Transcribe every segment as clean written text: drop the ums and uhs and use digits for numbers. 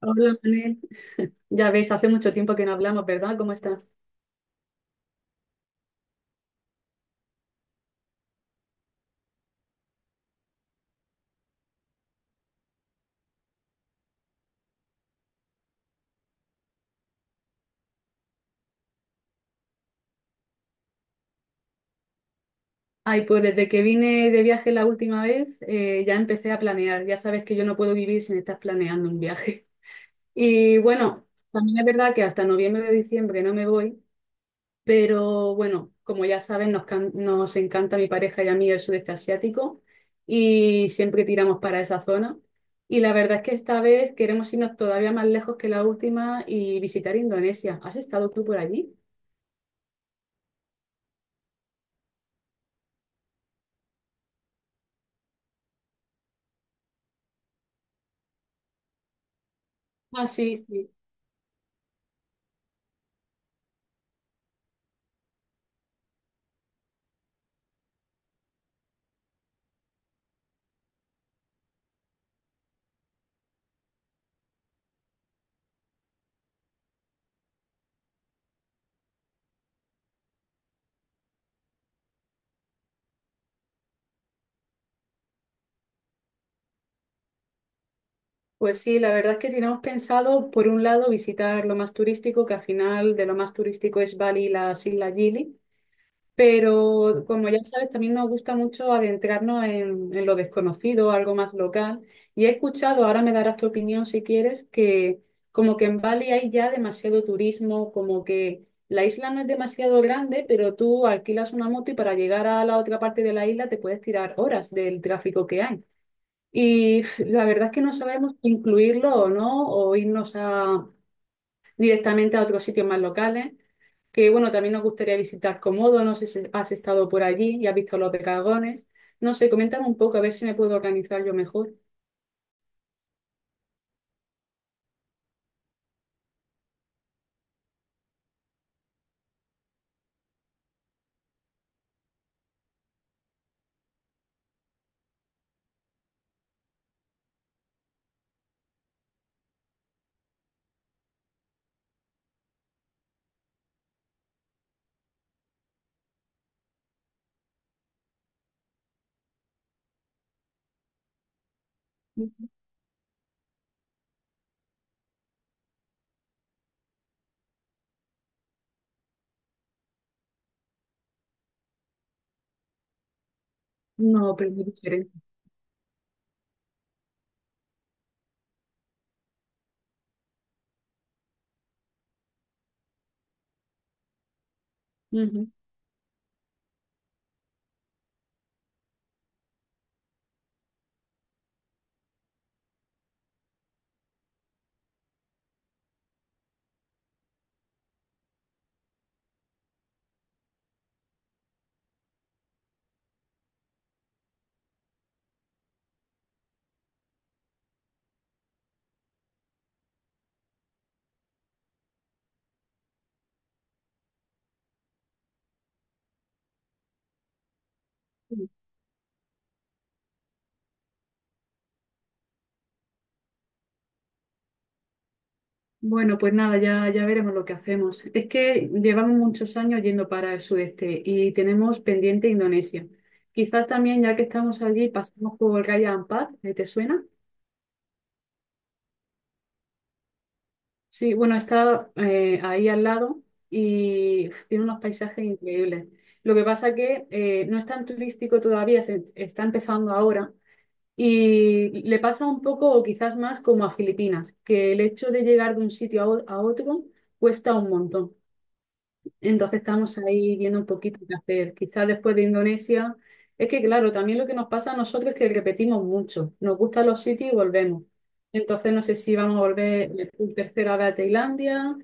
Hola, Manel. Ya ves, hace mucho tiempo que no hablamos, ¿verdad? ¿Cómo estás? Ay, pues desde que vine de viaje la última vez, ya empecé a planear. Ya sabes que yo no puedo vivir sin estar planeando un viaje. Y bueno, también es verdad que hasta noviembre o diciembre no me voy, pero bueno, como ya saben nos encanta a mi pareja y a mí el sudeste asiático y siempre tiramos para esa zona. Y la verdad es que esta vez queremos irnos todavía más lejos que la última y visitar Indonesia. ¿Has estado tú por allí? Ah, sí, sí. Pues sí, la verdad es que teníamos pensado, por un lado, visitar lo más turístico, que al final de lo más turístico es Bali y las Islas Gili, pero como ya sabes, también nos gusta mucho adentrarnos en lo desconocido, algo más local. Y he escuchado, ahora me darás tu opinión si quieres, que como que en Bali hay ya demasiado turismo, como que la isla no es demasiado grande, pero tú alquilas una moto y para llegar a la otra parte de la isla te puedes tirar horas del tráfico que hay. Y pf, la verdad es que no sabemos si incluirlo o no, o irnos a, directamente a otros sitios más locales, que bueno, también nos gustaría visitar Komodo, no sé si has estado por allí y has visto los dragones. No sé, coméntame un poco a ver si me puedo organizar yo mejor. No, pero muy diferente. Ujú. Bueno, pues nada, ya, ya veremos lo que hacemos. Es que llevamos muchos años yendo para el sudeste y tenemos pendiente Indonesia. Quizás también, ya que estamos allí, pasamos por Raja Ampat, ¿eh? ¿Te suena? Sí, bueno, está ahí al lado y uf, tiene unos paisajes increíbles. Lo que pasa que no es tan turístico todavía, se está empezando ahora y le pasa un poco o quizás más como a Filipinas, que el hecho de llegar de un sitio a otro cuesta un montón. Entonces estamos ahí viendo un poquito qué hacer. Quizás después de Indonesia, es que claro, también lo que nos pasa a nosotros es que repetimos mucho. Nos gustan los sitios y volvemos. Entonces no sé si vamos a volver por tercera vez a Tailandia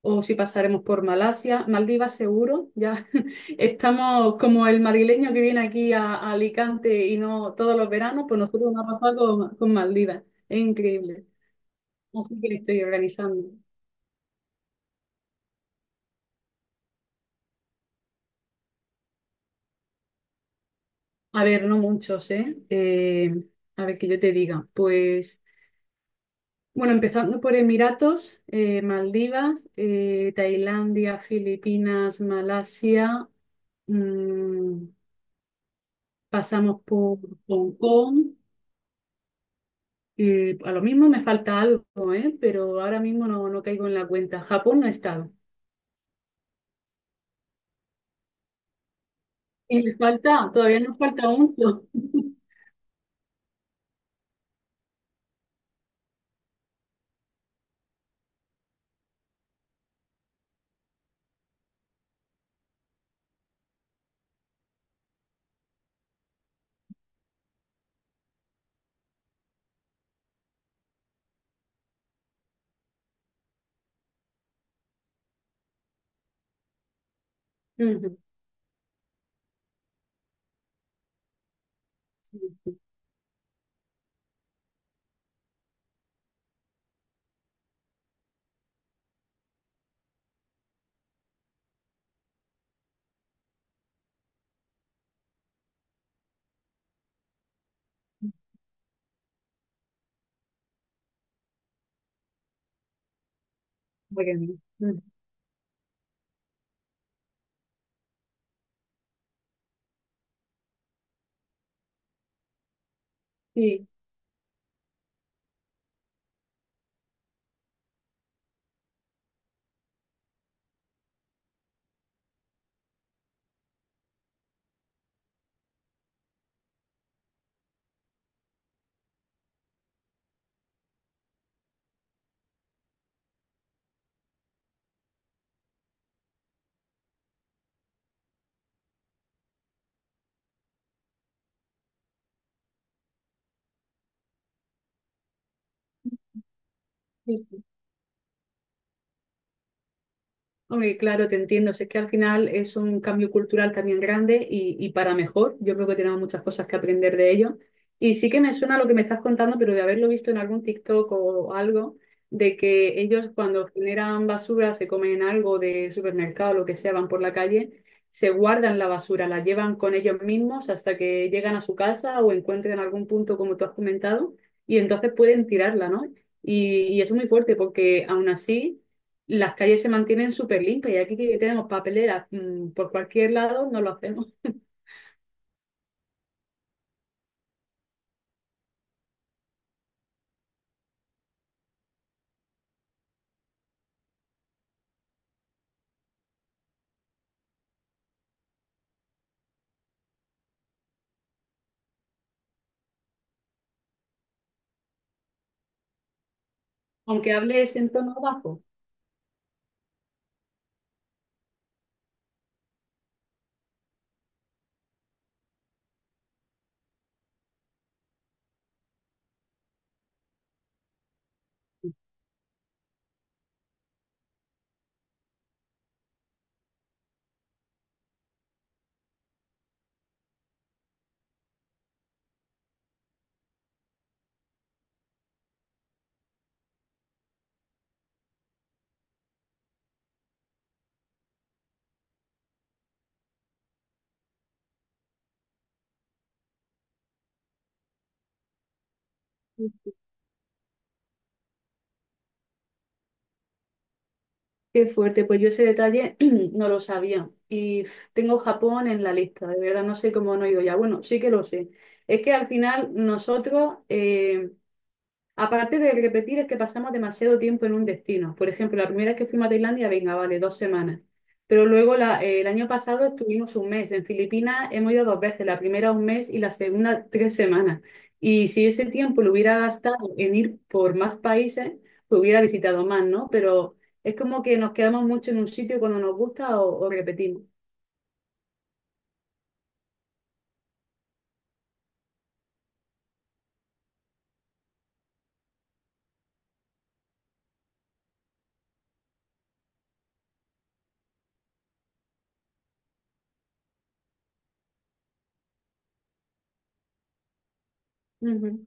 o si pasaremos por Malasia. Maldivas seguro, ya estamos como el madrileño que viene aquí a Alicante y no todos los veranos, pues nosotros nos ha pasado con Maldivas. Es increíble. Así que estoy organizando. A ver, no muchos, ¿eh? A ver, que yo te diga. Pues, bueno, empezando por Emiratos, Maldivas, Tailandia, Filipinas, Malasia, mm, pasamos por Hong Kong. A lo mismo me falta algo, ¿eh? Pero ahora mismo no, no caigo en la cuenta. Japón no he estado. Y me falta, todavía nos falta mucho. Ujú. Sí, sí, porque- ujú, sí, sí, sí. Oye, claro, te entiendo. Si es que al final es un cambio cultural también grande y para mejor. Yo creo que tenemos muchas cosas que aprender de ello. Y sí que me suena lo que me estás contando, pero de haberlo visto en algún TikTok o algo, de que ellos cuando generan basura, se comen algo de supermercado o lo que sea, van por la calle, se guardan la basura, la llevan con ellos mismos hasta que llegan a su casa o encuentren algún punto, como tú has comentado, y entonces pueden tirarla, ¿no? Y eso es muy fuerte porque aún así las calles se mantienen súper limpias y aquí que tenemos papeleras por cualquier lado, no lo hacemos. Aunque hables en tono bajo. Qué fuerte, pues yo ese detalle no lo sabía. Y pf, tengo Japón en la lista, de verdad no sé cómo no he ido ya. Bueno, sí que lo sé. Es que al final nosotros, aparte de repetir, es que pasamos demasiado tiempo en un destino. Por ejemplo, la primera vez que fuimos a Tailandia, venga, vale, 2 semanas. Pero luego el año pasado estuvimos un mes. En Filipinas hemos ido 2 veces, la primera un mes y la segunda 3 semanas. Y si ese tiempo lo hubiera gastado en ir por más países, pues hubiera visitado más, ¿no? Pero es como que nos quedamos mucho en un sitio cuando nos gusta o repetimos. Ujú.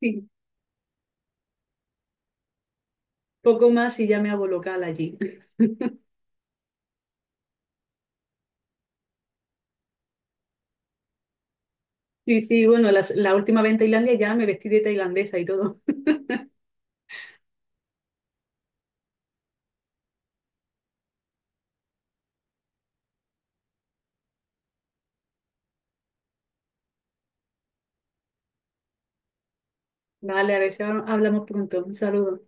Sí. Poco más y ya me hago local allí. Sí, sí, bueno, la última vez en Tailandia ya me vestí de tailandesa y todo. Vale, a ver si hablamos pronto. Un saludo.